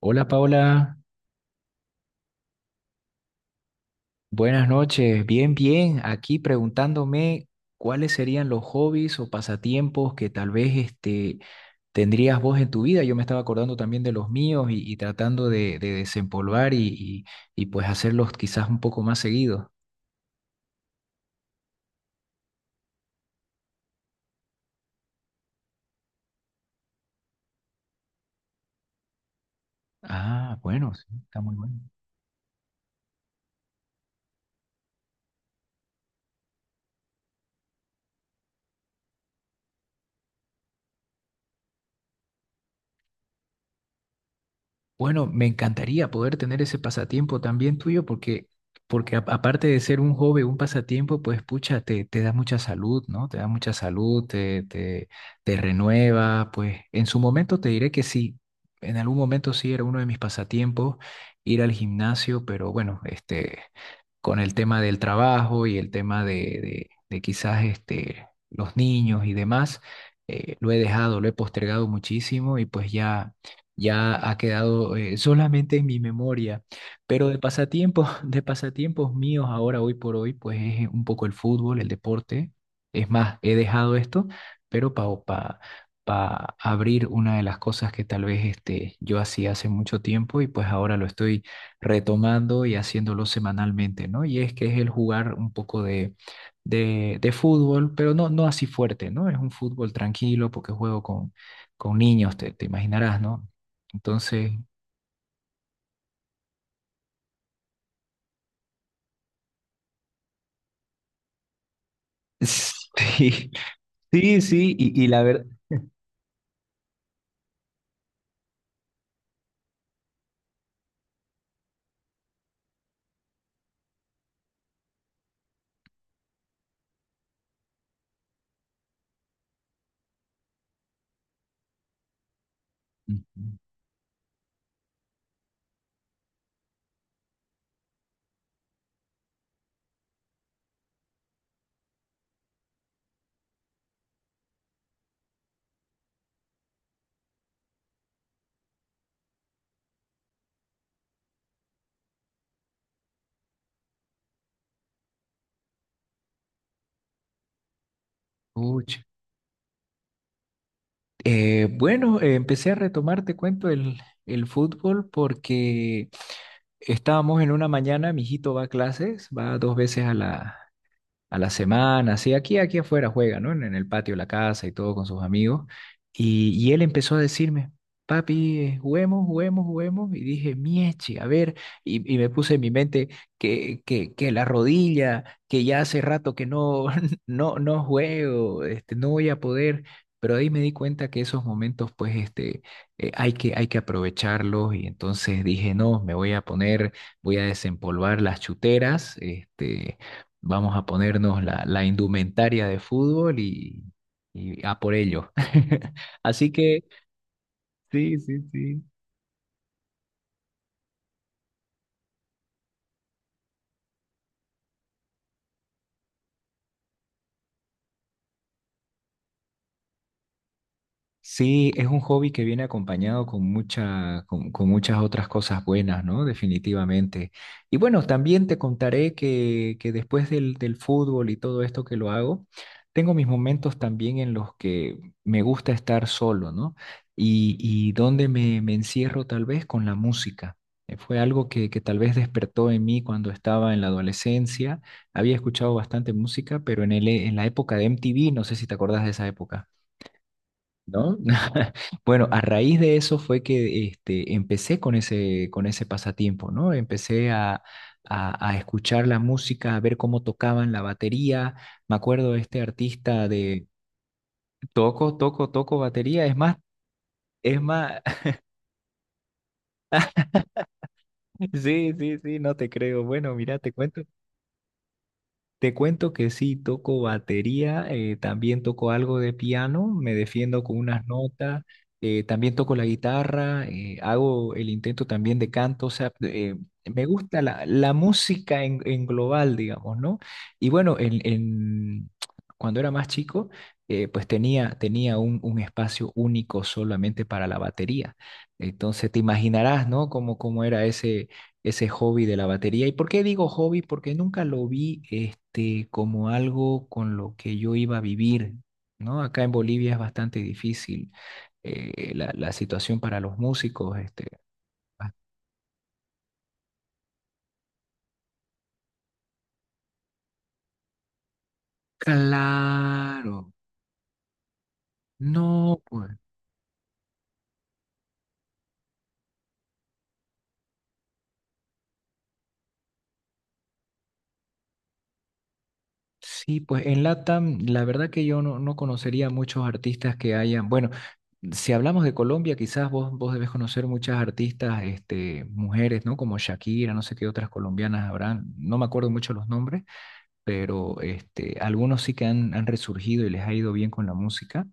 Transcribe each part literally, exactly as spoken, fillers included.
Hola Paola, buenas noches. Bien, bien. Aquí preguntándome cuáles serían los hobbies o pasatiempos que tal vez este, tendrías vos en tu vida. Yo me estaba acordando también de los míos y, y tratando de, de desempolvar y, y- y, pues hacerlos quizás un poco más seguido. Ah, bueno, sí, está muy bueno. Bueno, me encantaría poder tener ese pasatiempo también tuyo porque, porque a- aparte de ser un hobby, un pasatiempo, pues pucha, te, te da mucha salud, ¿no? Te da mucha salud, te, te, te renueva, pues en su momento te diré que sí, en algún momento sí era uno de mis pasatiempos ir al gimnasio, pero bueno, este, con el tema del trabajo y el tema de, de, de quizás este, los niños y demás, eh, lo he dejado, lo he postergado muchísimo y pues ya ya ha quedado eh, solamente en mi memoria. Pero de pasatiempos, de pasatiempos míos ahora, hoy por hoy, pues es un poco el fútbol, el deporte. Es más, he dejado esto, pero para pa, pa abrir una de las cosas que tal vez este, yo hacía hace mucho tiempo y pues ahora lo estoy retomando y haciéndolo semanalmente, ¿no? Y es que es el jugar un poco de, de, de fútbol, pero no, no así fuerte, ¿no? Es un fútbol tranquilo porque juego con, con niños, te, te imaginarás, ¿no? Entonces, sí, sí, sí, y, y la verdad, bueno, eh, empecé a retomar, te cuento, el, el fútbol porque estábamos en una mañana, mi hijito va a clases, va dos veces a la, a la semana, así aquí, aquí afuera juega, ¿no? En, en el patio de la casa y todo con sus amigos. Y, y él empezó a decirme, papi, eh, juguemos, juguemos, juguemos. Y dije, mieche, a ver, y, y me puse en mi mente que, que, que la rodilla, que ya hace rato que no, no, no juego, este, no voy a poder. Pero ahí me di cuenta que esos momentos, pues, este, eh, hay que, hay que aprovecharlos y entonces dije, no, me voy a poner, voy a desempolvar las chuteras, este, vamos a ponernos la, la indumentaria de fútbol y, y a por ello. Así que, sí, sí, sí. Sí, es un hobby que viene acompañado con mucha, con, con muchas otras cosas buenas, ¿no? Definitivamente. Y bueno, también te contaré que, que después del, del fútbol y todo esto que lo hago, tengo mis momentos también en los que me gusta estar solo, ¿no? Y, y donde me, me encierro tal vez con la música. Eh, Fue algo que, que tal vez despertó en mí cuando estaba en la adolescencia. Había escuchado bastante música, pero en el, en la época de M T V, no sé si te acordás de esa época. ¿No? Bueno, a raíz de eso fue que este, empecé con ese, con ese pasatiempo, ¿no? Empecé a, a- a escuchar la música, a ver cómo tocaban la batería. Me acuerdo de este artista de toco, toco, toco batería. Es más, es más, sí, sí, sí, no te creo. Bueno, mira, te cuento. Te cuento que sí, toco batería, eh, también toco algo de piano, me defiendo con unas notas, eh, también toco la guitarra, eh, hago el intento también de canto, o sea, eh, me gusta la, la música en, en global, digamos, ¿no? Y bueno, en, en- cuando era más chico, eh, pues tenía, tenía un, un espacio único solamente para la batería. Entonces te imaginarás, ¿no? Cómo, cómo era ese ese hobby de la batería. ¿Y por qué digo hobby? Porque nunca lo vi este, como algo con lo que yo iba a vivir, ¿no? Acá en Bolivia es bastante difícil eh, la, la situación para los músicos. Este. Ah, claro, no, pues. Sí, pues en LATAM, la verdad que yo no, no conocería muchos artistas que hayan, bueno, si hablamos de Colombia, quizás vos, vos debes conocer muchas artistas, este, mujeres, ¿no? Como Shakira, no sé qué otras colombianas habrán, no me acuerdo mucho los nombres, pero este, algunos sí que han, han resurgido y les ha ido bien con la música,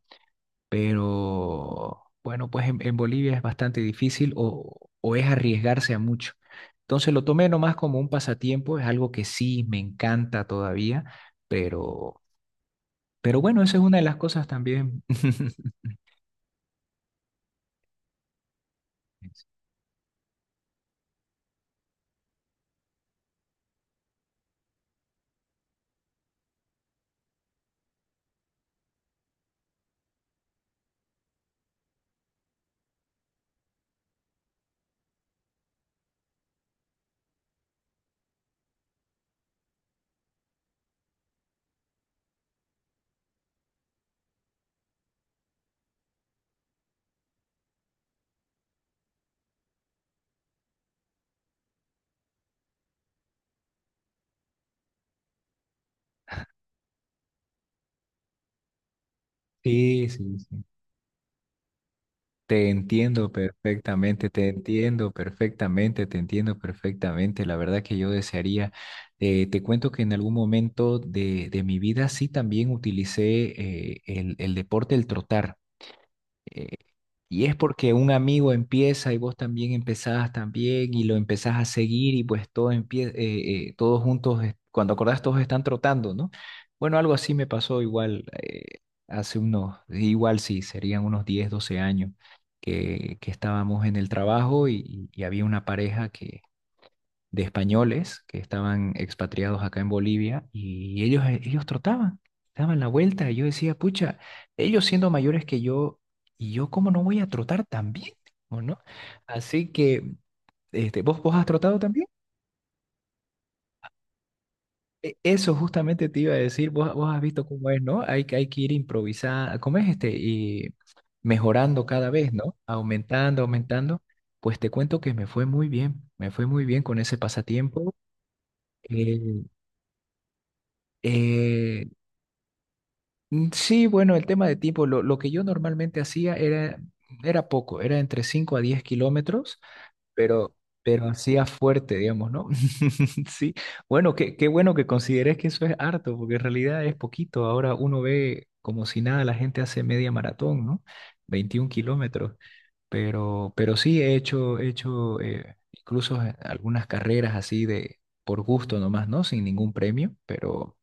pero bueno, pues en, en Bolivia es bastante difícil o, o es arriesgarse a mucho. Entonces lo tomé nomás como un pasatiempo, es algo que sí me encanta todavía pero pero bueno, esa es una de las cosas también. Sí, sí, sí. Te entiendo perfectamente, te entiendo perfectamente, te entiendo perfectamente. La verdad que yo desearía, eh, te cuento que en algún momento de, de mi vida sí también utilicé eh, el, el deporte, el trotar. Eh, y es porque un amigo empieza y vos también empezás también y lo empezás a seguir y pues todo empieza, todos juntos, eh, cuando acordás todos están trotando, ¿no? Bueno, algo así me pasó igual eh, hace unos, igual sí, serían unos diez doce años que, que estábamos en el trabajo y, y- y había una pareja que de españoles que estaban expatriados acá en Bolivia y ellos, eh, ellos trotaban, daban la vuelta. Y yo decía, pucha, ellos siendo mayores que yo, ¿y yo cómo no voy a trotar también? ¿O no? Así que, este, ¿vos, vos has trotado también? E- Eso justamente te iba a decir, vos, vos has visto cómo es, ¿no? Hay, que- hay que ir improvisando, ¿cómo es este? Y mejorando cada vez, ¿no? Aumentando, aumentando. Pues te cuento que me fue muy bien, me fue muy bien con ese pasatiempo. Eh, eh, Mm, Sí, bueno, el tema de tiempo, lo, lo que yo normalmente hacía era, era poco, era entre cinco a diez kilómetros, pero, pero hacía fuerte, digamos, ¿no? Sí, bueno, qué, qué bueno que consideres que eso es harto, porque en realidad es poquito. Ahora uno ve como si nada, la gente hace media maratón, ¿no? Veintiún kilómetros, pero, pero sí he hecho, he hecho eh, incluso eh, algunas carreras así de por gusto nomás, ¿no? Sin ningún premio, pero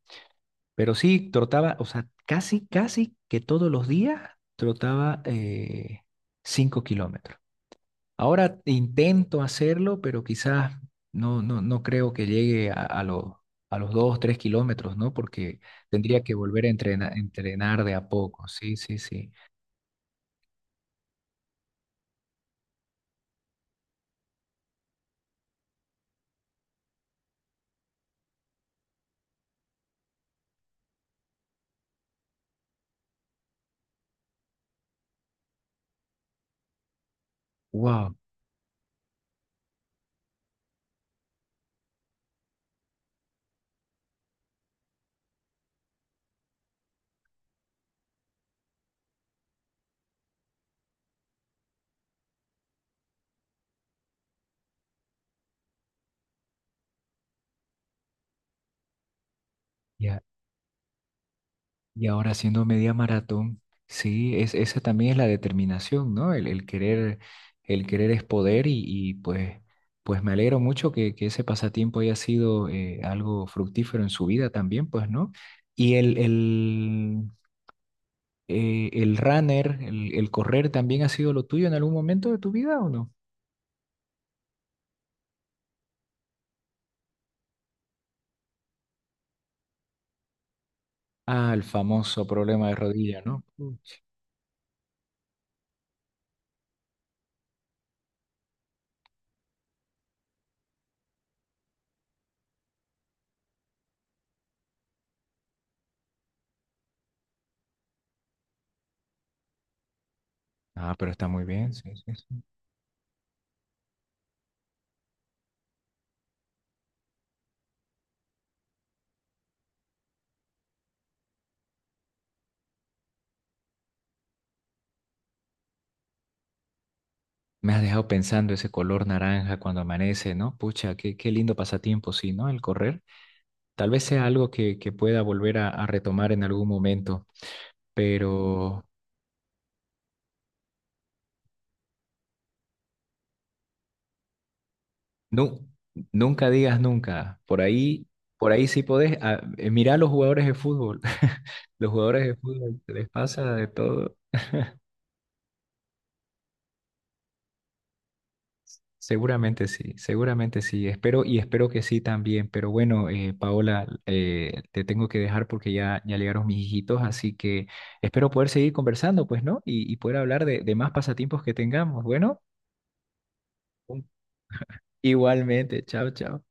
pero sí, trotaba, o sea, casi, casi que todos los días trotaba eh, cinco kilómetros. Ahora intento hacerlo, pero quizás no, no, no creo que llegue a, a, los- a los dos, tres kilómetros, ¿no? Porque tendría que volver a entrenar, entrenar de a poco. Sí, sí, sí. Wow. Y ahora haciendo media maratón, sí, es, esa también es la determinación, ¿no? El, el querer, el querer es poder y, y pues, pues me alegro mucho que, que ese pasatiempo haya sido eh, algo fructífero en su vida también, pues, ¿no? Y el, el, eh, el runner, el, el correr también ha sido lo tuyo en algún momento de tu vida ¿o no? Ah, el famoso problema de rodilla, ¿no? Mm. Ah, pero está muy bien, sí, sí, sí. Me has dejado pensando ese color naranja cuando amanece, ¿no? Pucha, qué, qué lindo pasatiempo, sí, ¿no? El correr. Tal vez sea algo que, que pueda volver a, a retomar en algún momento, pero nu- nunca digas nunca. Por ahí, por ahí sí podés. Ah, eh, mirá a los jugadores de fútbol. Los jugadores de fútbol les pasa de todo. Seguramente sí, seguramente sí. Espero y espero que sí también. Pero bueno, eh, Paola, eh, te tengo que dejar porque ya, ya llegaron mis hijitos, así que espero poder seguir conversando, pues, ¿no? Y, y poder hablar de, de más pasatiempos que tengamos. Bueno, un- igualmente. Chao, chao.